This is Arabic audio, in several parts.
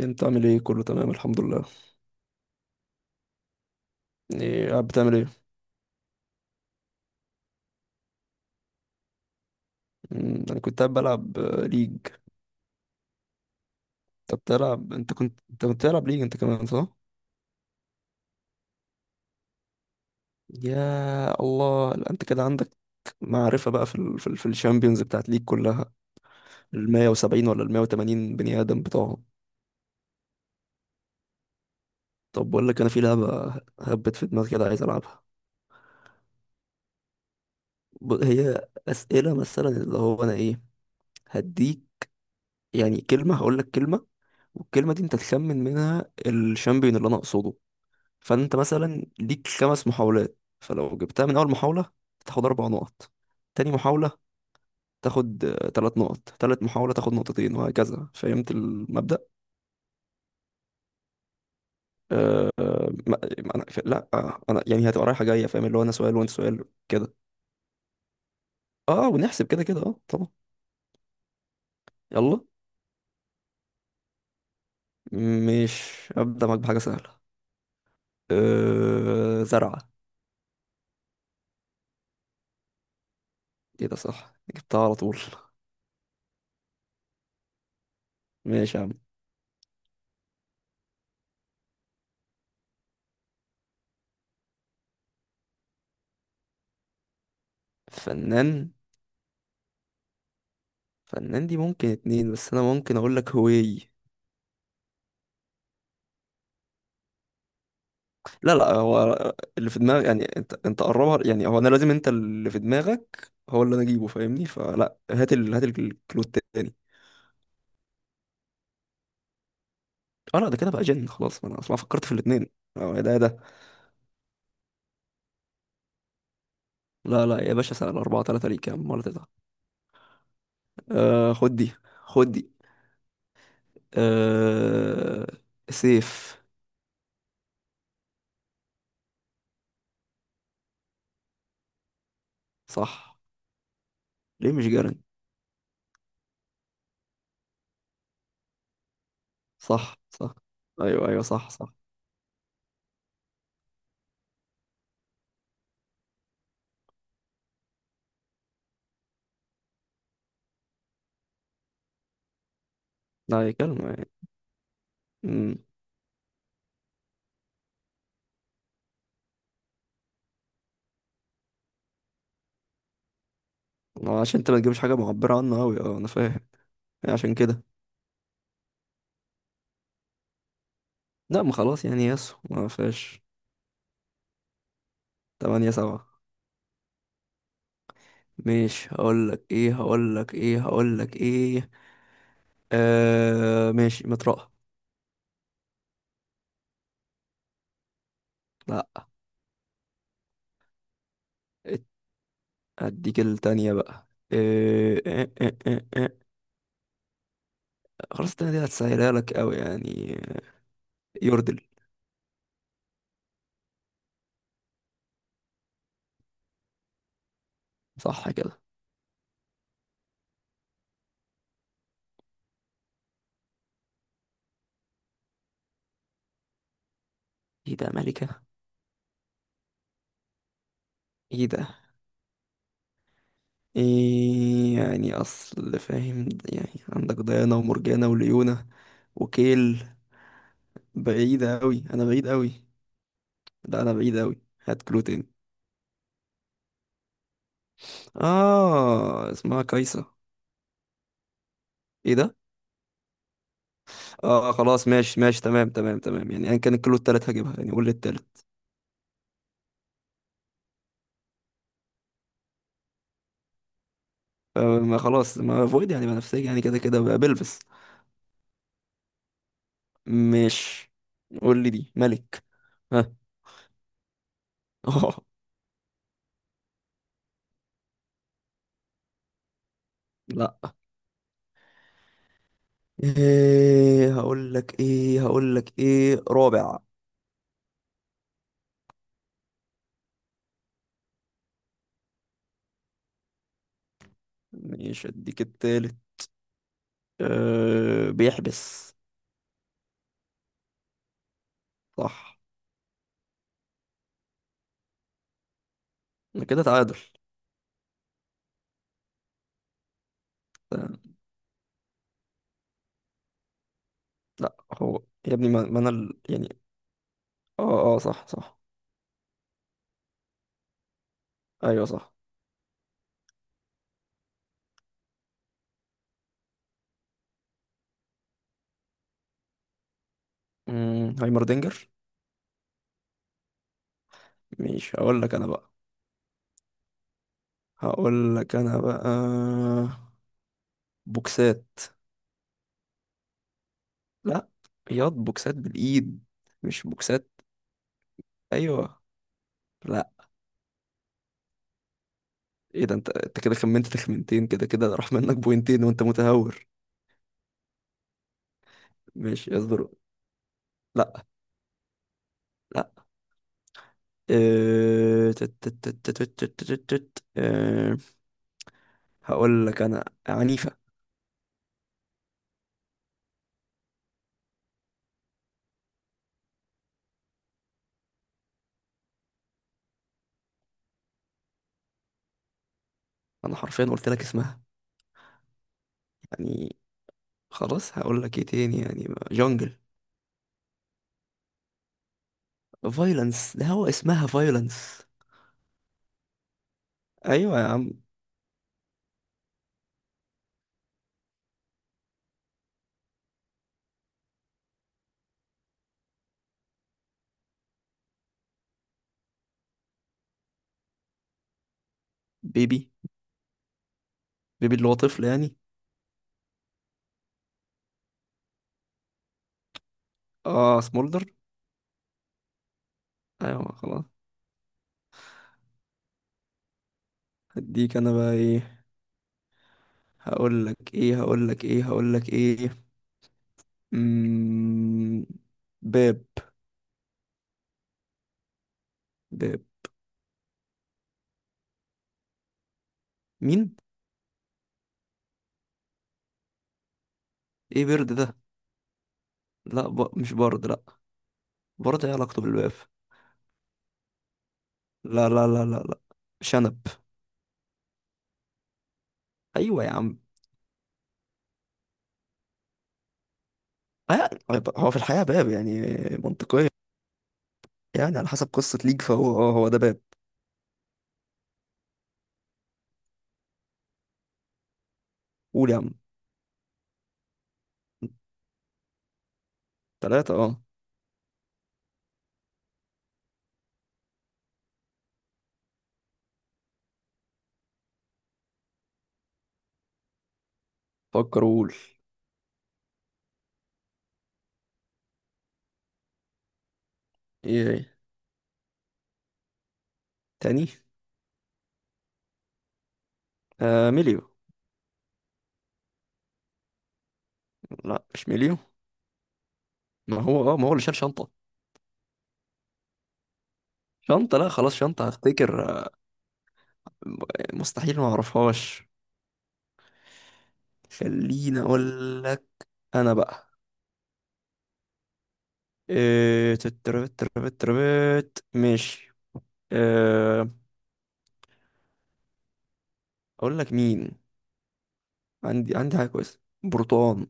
انت عامل ايه؟ كله تمام الحمد لله. ايه قاعد بتعمل ايه؟ انا كنت قاعد بلعب ليج. انت كنت بتلعب ليج انت كمان صح؟ يا الله، لا انت كده عندك معرفة بقى في الشامبيونز بتاعت ليج كلها، ال 170 ولا ال 180 بني ادم بتوعهم. طب بقول لك، انا في لعبة هبت في دماغي كده عايز العبها. هي اسئلة، مثلا اللي هو انا ايه هديك، يعني كلمة هقول لك كلمة، والكلمة دي انت تخمن منها الشامبيون اللي انا اقصده. فانت مثلا ليك خمس محاولات، فلو جبتها من اول محاولة تاخد اربع نقط، تاني محاولة تاخد تلات نقط، تالت محاولة تاخد نقطتين، وهكذا. فهمت المبدأ؟ آه، ما- ما أنا ف... لا آه، أنا يعني هتبقى رايحة جاية، فاهم؟ اللي هو أنا سؤال وأنت سؤال. كده ونحسب، كده كده طبعا. يلا. مش أبدأ معاك بحاجة سهلة. زرعة. إيه ده، صح، جبتها على طول. ماشي يا عم. فنان فنان دي ممكن اتنين، بس أنا ممكن أقول لك هوي. لا لا، هو اللي في دماغك، يعني انت قربها، يعني هو انا لازم انت اللي في دماغك هو اللي انا اجيبه، فاهمني؟ فلا، هات الكلو التاني. اه لا، ده كده بقى جن خلاص، ما انا اصلا فكرت في الاثنين. اه يا ده يا ده. لا لا يا باشا، سنة الأربعة تلاتة، ليك يا عم ولا تزعل. خد دي، خد دي. آه سيف. صح. ليه مش جارن؟ صح صح. ايوه ايوه، صح صح. لا هي كلمة يعني. امم عشان انت ما تجيبش حاجة معبرة عنه اوي، اه انا فاهم يعني، عشان كده. لا ما خلاص، يعني يسو ما فيهاش. تمانية سبعة. ماشي، هقولك ايه. ماشي، مطرقة. لا. ات- هديك التانية بقى. إيه إيه إيه إيه إيه. خلاص التانية دي هتسهلها لك أوي يعني. يوردل. صح كده. ايه ده، ملكة؟ ايه ده، ايه يعني؟ اصل فاهم، يعني عندك ديانا ومرجانة وليونة وكيل. بعيدة أوي، أنا بعيد أوي. لا أنا بعيد أوي. هات كلو تاني. اه، اسمها كايسة. ايه ده. اه خلاص ماشي ماشي، تمام تمام تمام. يعني ايا كان الكيلو التالت هجيبها، يعني قول لي التالت. ما خلاص، ما فويد يعني بنفسجي، يعني كده كده بقى بلبس. مش قول لي دي ملك. ها. اه. لا. ايه هقول لك ايه رابع. مش اديك التالت. أه بيحبس. صح. أنا كده تعادل. لا، هو يا ابني، ما ما انا ال- يعني. اه اه، صح صح. ايوه صح. هايمردينجر. مش هقول لك انا بقى. هقول لك انا بقى بوكسات لا. ياض، بوكسات بالايد، مش بوكسات. ايوه. لا. ايه ده، انت انت كده خمنت تخمنتين، كده كده راح منك بوينتين وانت متهور. مش اصبر. لا لا. آه، تت- تت- تت- تت- تت- تت- تت. آه، هقول لك انا عنيفة. انا حرفيا قلت لك اسمها يعني. خلاص هقول لك ايه تاني، جونجل. فايلنس، ده هو اسمها فايلنس. ايوه يا عم. بيبي. بيبي اللي هو طفل يعني. اه، سمولدر. ايوه خلاص. هديك انا بقى ايه. هقول لك ايه هقول لك ايه هقول لك ايه. مم... باب. باب. مين؟ ايه برد ده؟ لا مش برد، لا. برد، ايه علاقته بالباب؟ لا لا لا لا لا. شنب. ايوه يا عم. طيب، هو في الحقيقه باب يعني. منطقيه، يعني على حسب قصه ليك، فهو اه هو ده باب. قول يا عم. ثلاثة اه. فكر وقول. ايه تاني. مليو. لا مش مليون. ما هو اللي شال شنطة. شنطة، لا خلاص، شنطة هفتكر مستحيل ما اعرفهاش. خليني اقول لك. انا بقى إيه. تتربت تربت تربت ماشي. إيه. اقول لك مين. عندي، عندي حاجة كويسة. برتقان.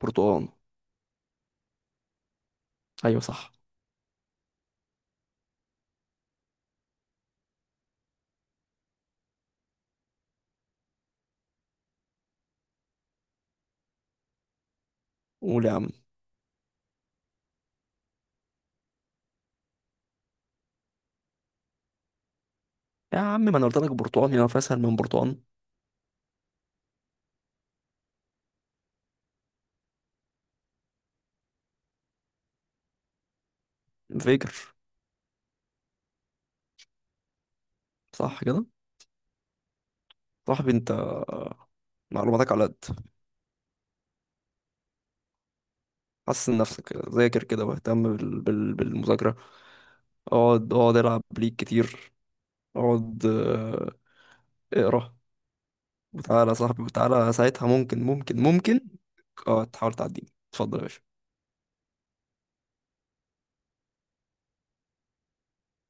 برتقان. ايوه صح. قول يا عم. يا عم ما انا قلت لك برتقان، يا اسهل من برتقان. فيجر. صح كده. صاحبي انت، معلوماتك على قد. حسن نفسك كده، ذاكر كده واهتم بالمذاكرة. اقعد اقعد، العب ليك كتير. اقعد، اقرا. وتعالى يا صاحبي، وتعالى ساعتها ممكن ممكن ممكن. اه تحاول تعديني، اتفضل يا باشا.